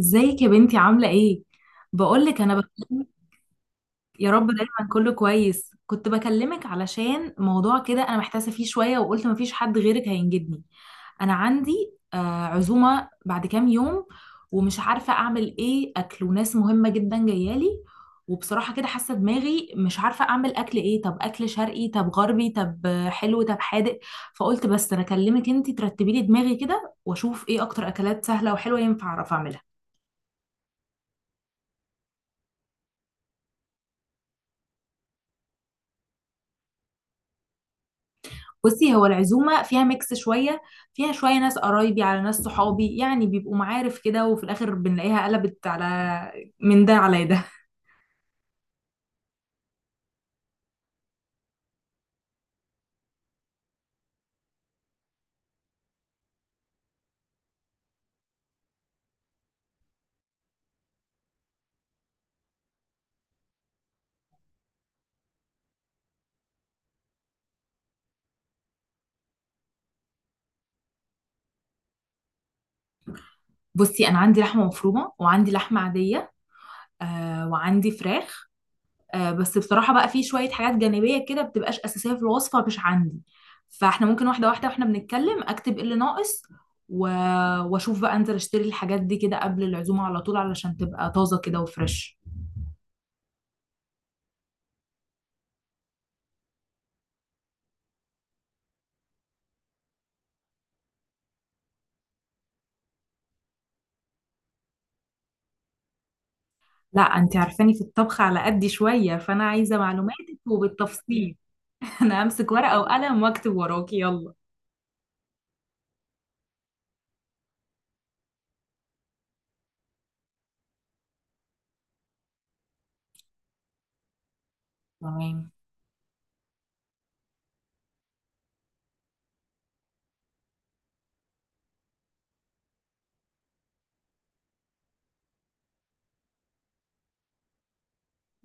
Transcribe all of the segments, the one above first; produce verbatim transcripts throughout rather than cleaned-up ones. ازيك يا بنتي عاملة ايه؟ بقولك انا بكلمك. يا رب دايما كله كويس، كنت بكلمك علشان موضوع كده انا محتاسة فيه شوية وقلت مفيش حد غيرك هينجدني. انا عندي آه عزومة بعد كام يوم، ومش عارفة اعمل ايه اكل، وناس مهمة جدا جايالي. وبصراحة كده حاسة دماغي مش عارفة اعمل اكل ايه، طب اكل شرقي طب غربي طب آه، حلو طب حادق. فقلت بس انا اكلمك انتي ترتبي لي دماغي كده واشوف ايه اكتر اكلات سهلة وحلوة ينفع اعرف اعملها. بصي، هو العزومة فيها ميكس شوية، فيها شوية ناس قرايبي على ناس صحابي، يعني بيبقوا معارف كده، وفي الآخر بنلاقيها قلبت على من ده على ده. بصي أنا عندي لحمة مفرومة وعندي لحمة عادية، آه وعندي فراخ. آه بس بصراحة بقى في شوية حاجات جانبية كده بتبقاش أساسية في الوصفة مش عندي. فاحنا ممكن واحدة واحدة واحنا بنتكلم أكتب إيه اللي ناقص و... وأشوف بقى أنزل أشتري الحاجات دي كده قبل العزومة على طول علشان تبقى طازة كده وفريش. لا انت عارفاني في الطبخ على قدي شوية، فانا عايزة معلوماتك وبالتفصيل. انا امسك ورقة وقلم واكتب وراكي، يلا. تمام.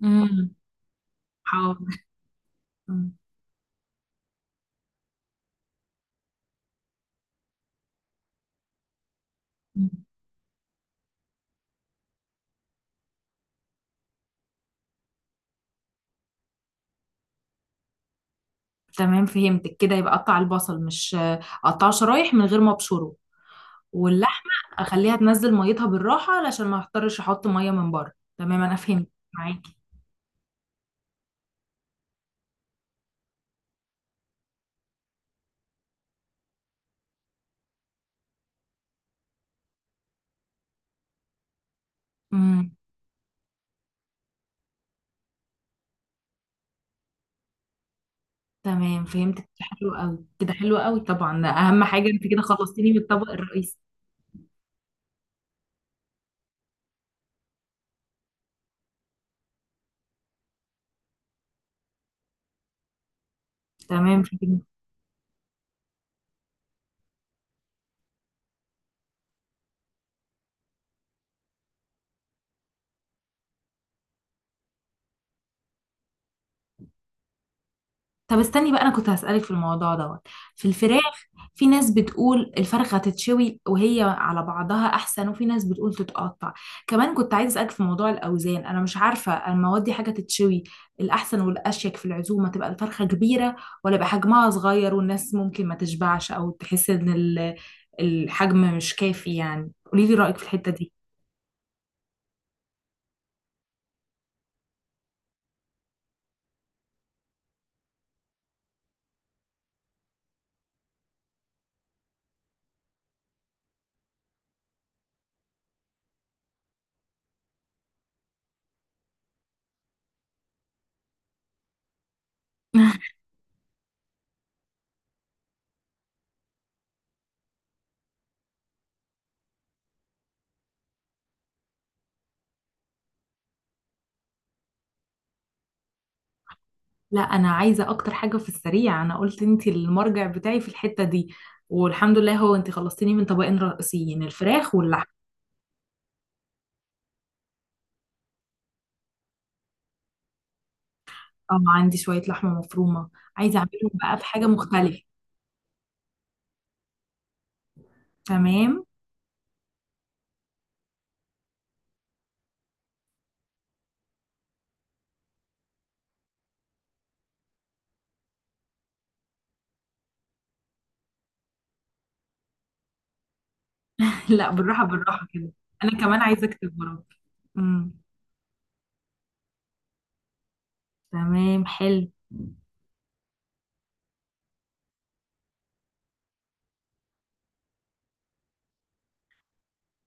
امم. حاضر. مم. مم. تمام فهمتك، كده يبقى اقطع البصل، مش اقطعه شرايح من غير ما ابشره، واللحمة اخليها تنزل ميتها بالراحة علشان ما اضطرش احط مية من بره. تمام انا فهمت. معاكي. امم. تمام فهمتك، حلو قوي كده، حلو قوي، طبعا ده اهم حاجة، انت كده خلصتيني من الطبق الرئيسي. تمام فهمت. طب استني بقى، انا كنت هسألك في الموضوع دوت، في الفراخ. في ناس بتقول الفرخة تتشوي وهي على بعضها احسن، وفي ناس بتقول تتقطع. كمان كنت عايزة اسألك في موضوع الاوزان، انا مش عارفة المواد دي حاجة تتشوي، الاحسن والاشيك في العزومة تبقى الفرخة كبيرة ولا يبقى حجمها صغير والناس ممكن ما تشبعش او تحس ان ال- الحجم مش كافي، يعني قولي لي رأيك في الحتة دي. لا انا عايزه اكتر حاجه في السريع، انا قلت انت المرجع بتاعي في الحته دي، والحمد لله هو انت خلصتيني من طبقين رئيسيين الفراخ واللحم. اه عندي شويه لحمه مفرومه، عايزه اعملهم بقى بحاجه مختلفه. تمام. لا بالراحه بالراحه كده. انا كمان عايزه اكتب وراكي. امم. تمام حلو.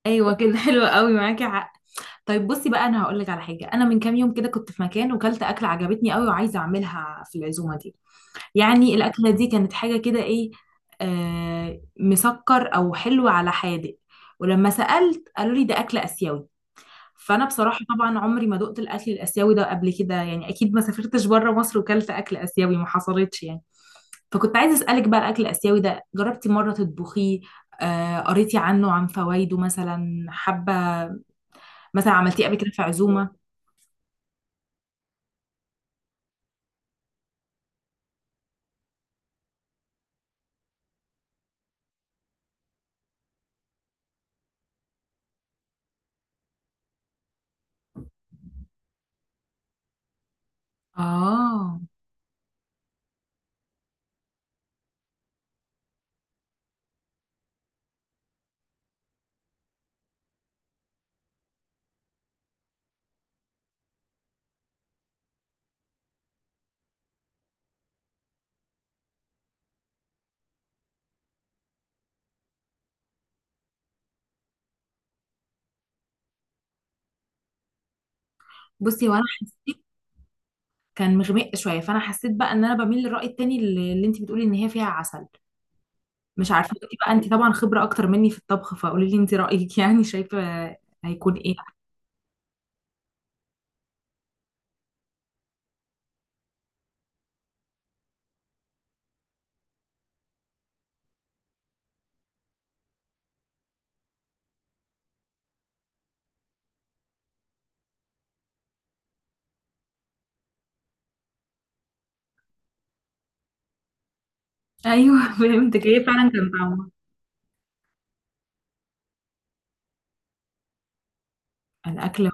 ايوه كده حلو قوي، معاكي حق. طيب بصي بقى، انا هقول لك على حاجه، انا من كام يوم كده كنت في مكان وكلت اكله عجبتني قوي وعايزه اعملها في العزومه دي. يعني الأكلة دي كانت حاجة كده إيه، آه، مسكر أو حلو على حادق. ولما سألت قالوا لي ده أكل آسيوي. فأنا بصراحة طبعا عمري ما دقت الأكل الآسيوي ده قبل كده، يعني أكيد ما سافرتش بره مصر، وكلت أكل آسيوي ما حصلتش يعني. فكنت عايزة أسألك بقى، الأكل الآسيوي ده جربتي مرة تطبخيه، آه قريتي عنه عن فوائده مثلا، حابة مثلا عملتيه قبل كده في عزومة؟ آه. بصي وأنا، كان مغمق شويه، فانا حسيت بقى ان انا بميل للراي التاني، اللي اللي انت بتقولي ان هي فيها عسل، مش عارفه، انت بقى انت طبعا خبره اكتر مني في الطبخ، فقولي لي انت رايك. يعني شايفه هيكون ايه. ايوه فهمتك، ايه فعلا كان طعمه. الاكل،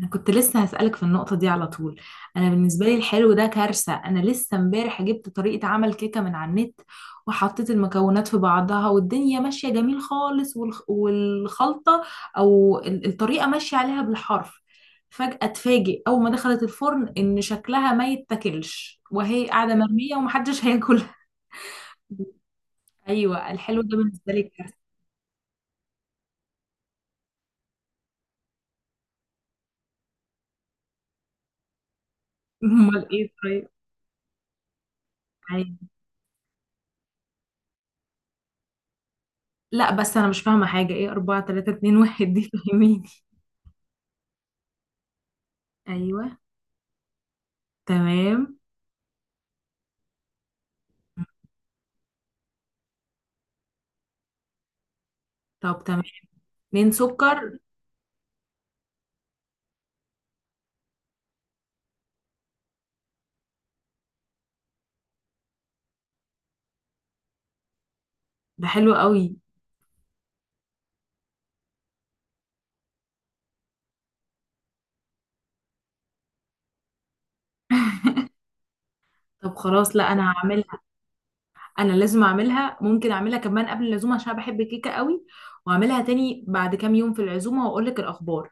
انا كنت لسه هسألك في النقطة دي على طول. انا بالنسبة لي الحلو ده كارثة، انا لسه امبارح جبت طريقة عمل كيكة من على النت، وحطيت المكونات في بعضها والدنيا ماشية جميل خالص، والخ- والخلطة او ال- الطريقة ماشية عليها بالحرف، فجأة اتفاجئ اول ما دخلت الفرن ان شكلها ما يتاكلش، وهي قاعدة مرمية ومحدش هياكلها. ايوه الحلو ده بالنسبة لي كارثة. امال ايه طيب. عادي. لا بس انا مش فاهمة حاجة، ايه أربعة تلاتة اتنين واحد دي؟ فاهميني. ايوه. تمام. طب تمام. اتنين سكر. ده حلو قوي. طب خلاص، لا انا هعملها، انا لازم اعملها، ممكن اعملها كمان قبل العزومه عشان أنا بحب الكيكه قوي، واعملها تاني بعد كام يوم في العزومه واقول لك الاخبار.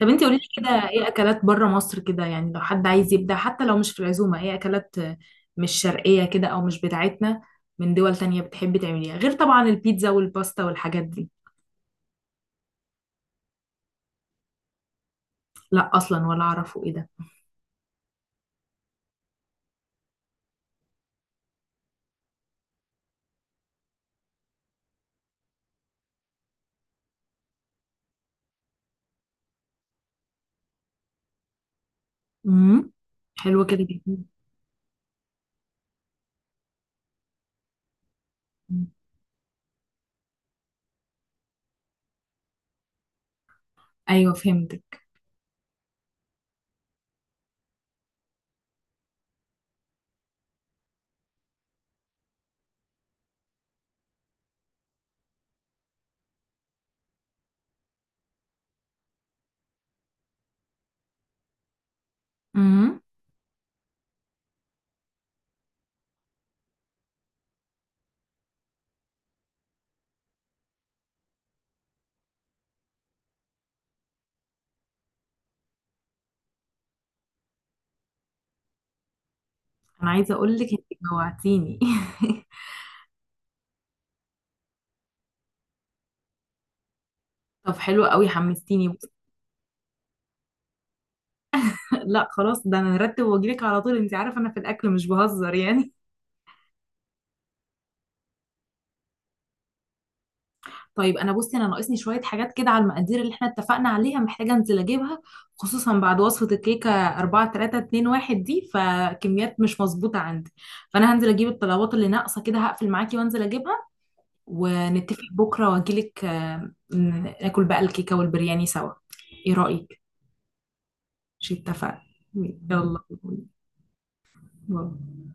طب انت قولي لي كده، ايه اكلات بره مصر كده، يعني لو حد عايز يبدع حتى لو مش في العزومه، ايه اكلات مش شرقيه كده او مش بتاعتنا، من دول تانية بتحبي تعمليها، غير طبعا البيتزا والباستا والحاجات دي؟ لا اصلا ولا اعرفه ايه ده. امم. حلو كده جدا. ايوه فهمتك. انا عايزه اقول لك انت جوعتيني. طب حلو قوي حمستيني، بص. لا خلاص، ده انا نرتب واجيلك على طول، انت عارفه انا في الاكل مش بهزر يعني. طيب انا بصي، انا ناقصني شويه حاجات كده على المقادير اللي احنا اتفقنا عليها، محتاجه انزل اجيبها، خصوصا بعد وصفه الكيكه أربعة تلاتة اتنين واحد دي، فكميات مش مظبوطه عندي، فانا هنزل اجيب الطلبات اللي ناقصه كده، هقفل معاكي وانزل اجيبها، ونتفق بكره واجيلك، آه، ن- ناكل بقى الكيكه والبرياني سوا. ايه رايك؟ مش اتفقنا؟ يلا، باي.